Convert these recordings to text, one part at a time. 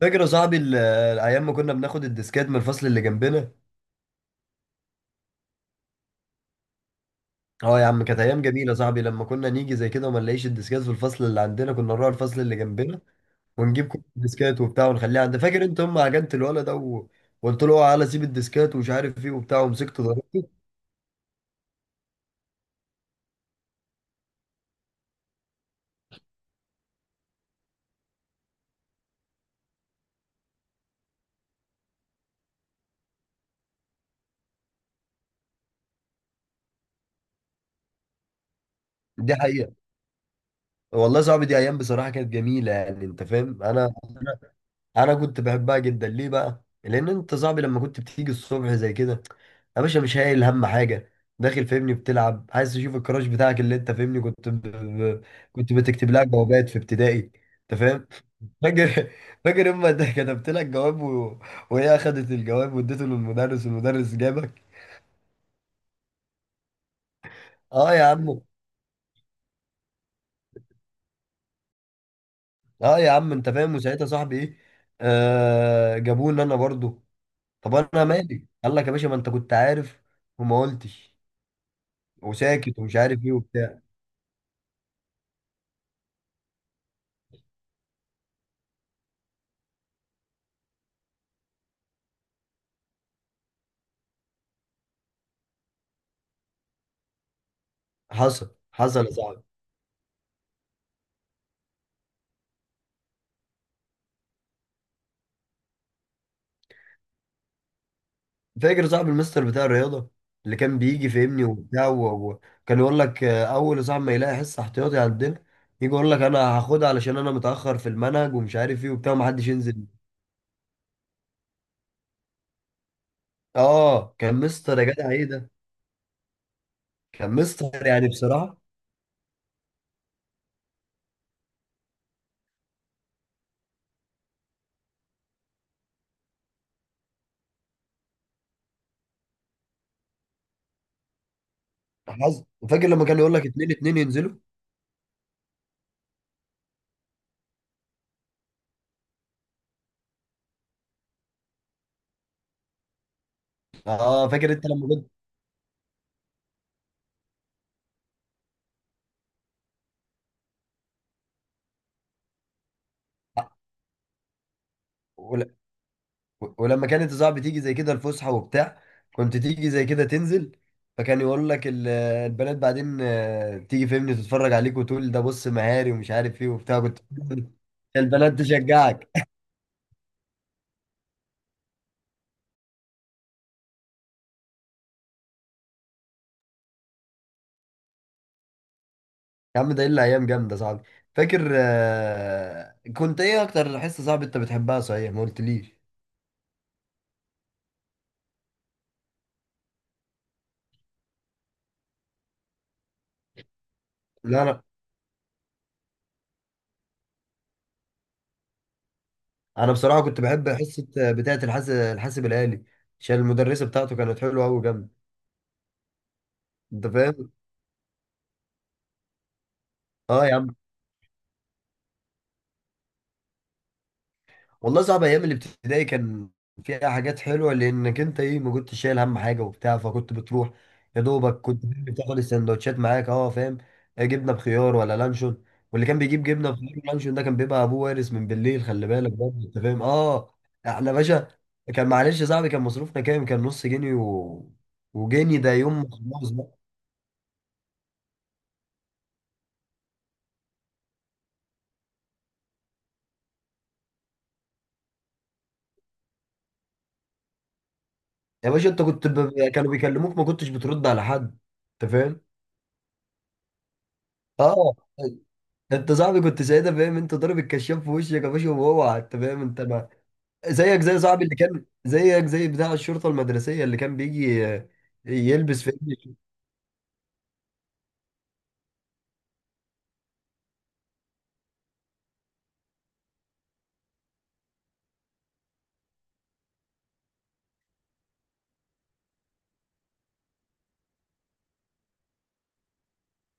فاكر يا صاحبي الايام ما كنا بناخد الديسكات من الفصل اللي جنبنا. اه يا عم، كانت ايام جميله يا صاحبي لما كنا نيجي زي كده وما نلاقيش الديسكات في الفصل اللي عندنا، كنا نروح الفصل اللي جنبنا ونجيب كل الديسكات وبتاع ونخليها عند. فاكر انت هم عجنت الولد ده وقلت له اوعى على سيب الديسكات ومش عارف ايه وبتاع ومسكته ضربته. دي حقيقه. والله يا صاحبي دي ايام بصراحه كانت جميله، يعني انت فاهم. انا كنت بحبها جدا. ليه بقى؟ لان انت صاحبي لما كنت بتيجي الصبح زي كده، يا باشا مش هايل هم حاجه، داخل فاهمني بتلعب عايز تشوف الكراش بتاعك اللي انت فاهمني، كنت كنت بتكتب لها جوابات في ابتدائي. انت فاهم؟ فاكر فاكر اما ده كتبت لك جواب وهي اخدت الجواب واديته للمدرس والمدرس جابك. اه يا عم. اه يا عم انت فاهم، وساعتها صاحبي ايه، آه، جابوني انا برضو. طب انا مالي؟ قال لك يا باشا ما انت كنت عارف وما قلتش وساكت ومش عارف ايه وبتاع. حصل حصل يا صاحبي. فاكر صاحب المستر بتاع الرياضه اللي كان بيجي فهمني وبتاع وكان يقول لك آه، اول يا صاحبي ما يلاقي حصه احتياطي عندنا يجي يقول لك انا هاخدها علشان انا متاخر في المنهج ومش عارف ايه وبتاع ومحدش ينزل. اه، كان مستر يا جدع، ايه ده! كان مستر يعني بصراحه حظ. فاكر لما كان يقول لك اتنين اتنين ينزلوا؟ اه فاكر انت لما كنت، ولما كانت الزعب بتيجي زي كده الفسحه وبتاع، كنت تيجي زي كده تنزل، فكان يقول لك البنات بعدين آه، تيجي فهمني تتفرج عليك وتقول ده بص مهاري ومش عارف ايه وبتاع، كنت البنات تشجعك. يا عم ده الا ايام جامده صاحبي. فاكر آه، كنت ايه اكتر حصه صاحبي انت بتحبها؟ صحيح ما قلتليش. لا انا، انا بصراحه كنت بحب حصه آه، بتاعه الحاسب الالي، عشان المدرسه بتاعته كانت حلوه قوي جامده. انت فاهم. اه يا عم، والله صعب. ايام الابتدائي كان فيها حاجات حلوه لانك انت ايه، ما كنتش شايل هم حاجه وبتاع، فكنت بتروح يا دوبك، كنت بتاخد السندوتشات معاك. اه فاهم، آه، جبنه بخيار ولا لانشون. واللي كان بيجيب جبنه بخيار ولانشون ده كان بيبقى ابوه وارث من بالليل، خلي بالك برضه انت فاهم. اه، احنا باشا كان معلش. يا صاحبي كان مصروفنا كام؟ كان نص جنيه وجنيه ده، يوم ما خلاص بقى. يا باشا انت كنت كانوا بيكلموك ما كنتش بترد على حد، انت فاهم. اه، انت صاحبي كنت ساعتها فاهم، انت ضارب الكشاف في وشك يا باشا، وهو انت فاهم، انت ما، زيك زي صاحبي اللي كان زيك زي بتاع الشرطه المدرسيه اللي كان بيجي آه، يلبس في.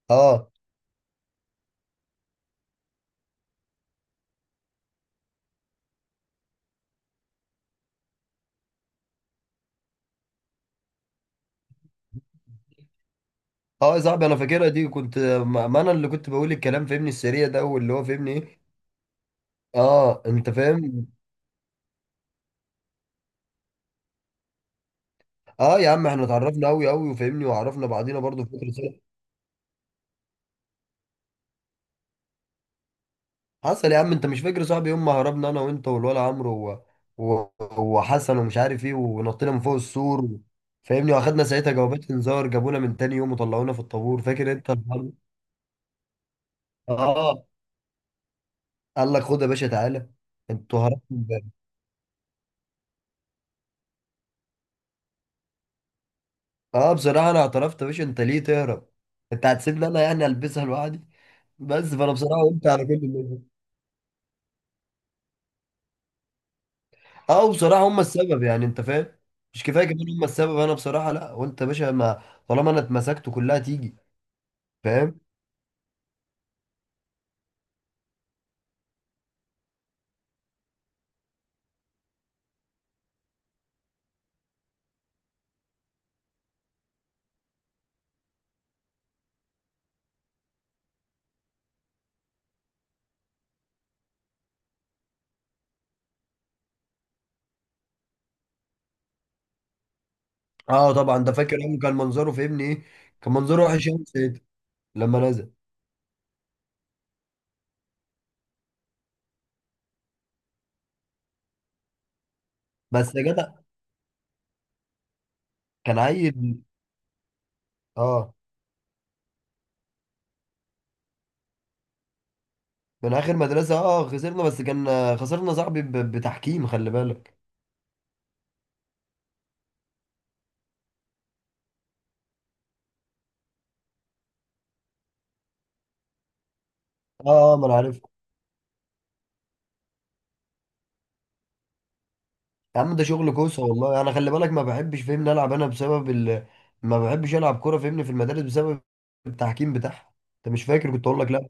اه اه، يا صاحبي انا فاكرها دي، كنت ما انا اللي كنت بقول الكلام فهمني السريع ده واللي هو فهمني ايه. اه انت فاهم. اه يا عم احنا اتعرفنا قوي قوي وفهمني وعرفنا بعضينا برضو في فتره. حصل. يا عم انت مش فاكر صاحبي يوم ما هربنا انا وانت والولا عمرو و... وحسن ومش عارف ايه، ونطينا من فوق السور فاهمني، واخدنا ساعتها جوابات انذار، جابونا من تاني يوم وطلعونا في الطابور، فاكر انت الحوار ده؟ اه. قال لك خد يا باشا تعالى، انتوا هربتوا امبارح. اه بصراحه انا اعترفت. يا باشا انت ليه تهرب؟ انت هتسيبني انا يعني البسها لوحدي؟ بس فانا بصراحه قلت على كل اللي، اه بصراحه هم السبب يعني، انت فاهم. مش كفايه كمان هم السبب؟ انا بصراحه لا، وانت يا باشا ما، طالما انا اتمسكت كلها تيجي، فاهم. اه طبعا ده فاكر يوم، كان منظره في ابني ايه! كان منظره وحش يوم سيد لما نزل. بس يا جدع كان عيل. اه، من اخر مدرسه اه خسرنا، بس كان آه، خسرنا صاحبي بتحكيم، خلي بالك. اه اه ما انا عارف. يا عم ده شغل كوسه والله، انا خلي بالك ما بحبش فهمني العب انا بسبب ما بحبش العب كوره فهمني في المدارس بسبب التحكيم بتاعها، انت مش فاكر كنت اقول لك؟ لا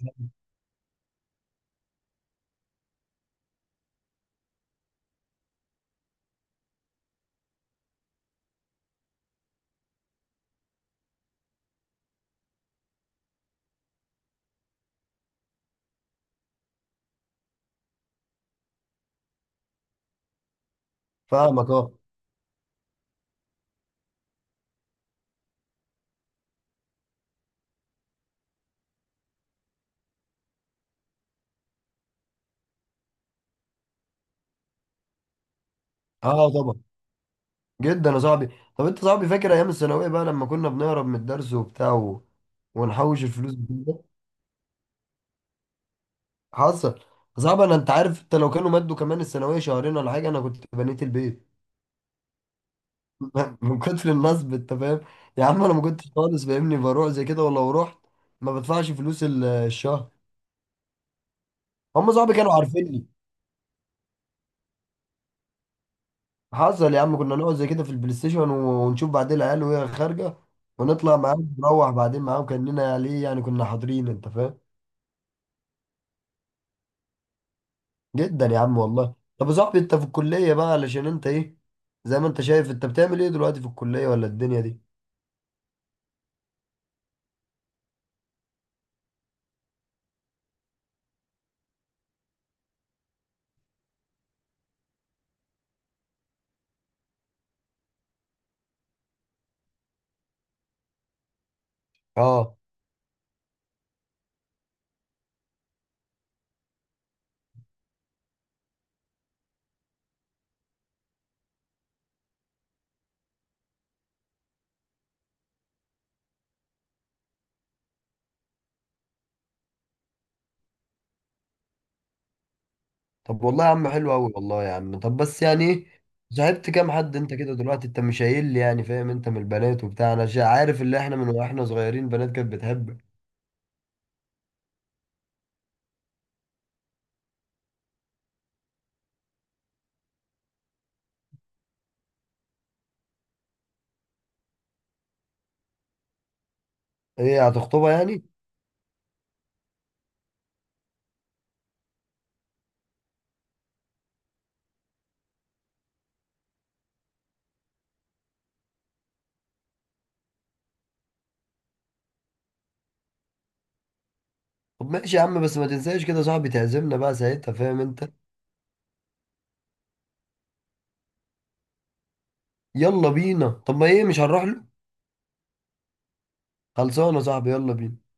فاهمك. اه اه اه، طبعا، جدا يا صاحبي. طب انت صاحبي فاكر ايام الثانويه بقى لما كنا بنهرب من الدرس وبتاع ونحوش الفلوس؟ حصل. صعب. انا انت عارف، انت لو كانوا مدوا كمان الثانويه شهرين ولا حاجه انا كنت بنيت البيت. من كتر النصب، انت فاهم. يا عم انا ما كنتش خالص فاهمني بروح زي كده، ولو رحت ما بدفعش فلوس الشهر. هم صحابي كانوا عارفيني. حصل يا عم. كنا نقعد زي كده في البلاي ستيشن ونشوف بعدين العيال وهي خارجه ونطلع معاهم، نروح بعدين معاهم كاننا ليه يعني كنا حاضرين، انت فاهم. جدا يا عم والله. طب يا صاحبي انت في الكليه بقى، علشان انت ايه، زي ما انت شايف، انت بتعمل ايه دلوقتي في الكليه ولا الدنيا دي؟ اه. طب والله يا عم حلو قوي، والله يا عم. طب بس يعني ايه، صاحبت كام حد انت كده دلوقتي؟ انت مش قايل لي يعني، فاهم، انت من البنات وبتاع انا عارف اللي احنا من واحنا صغيرين، بنات كانت بتحب. ايه، هتخطبها يعني؟ طب ماشي يا عم، بس ما تنساش كده صاحبي تعزمنا بقى ساعتها، فاهم انت. يلا بينا، طب ما ايه، مش هنروح له؟ خلصانه يا صاحبي، يلا بينا.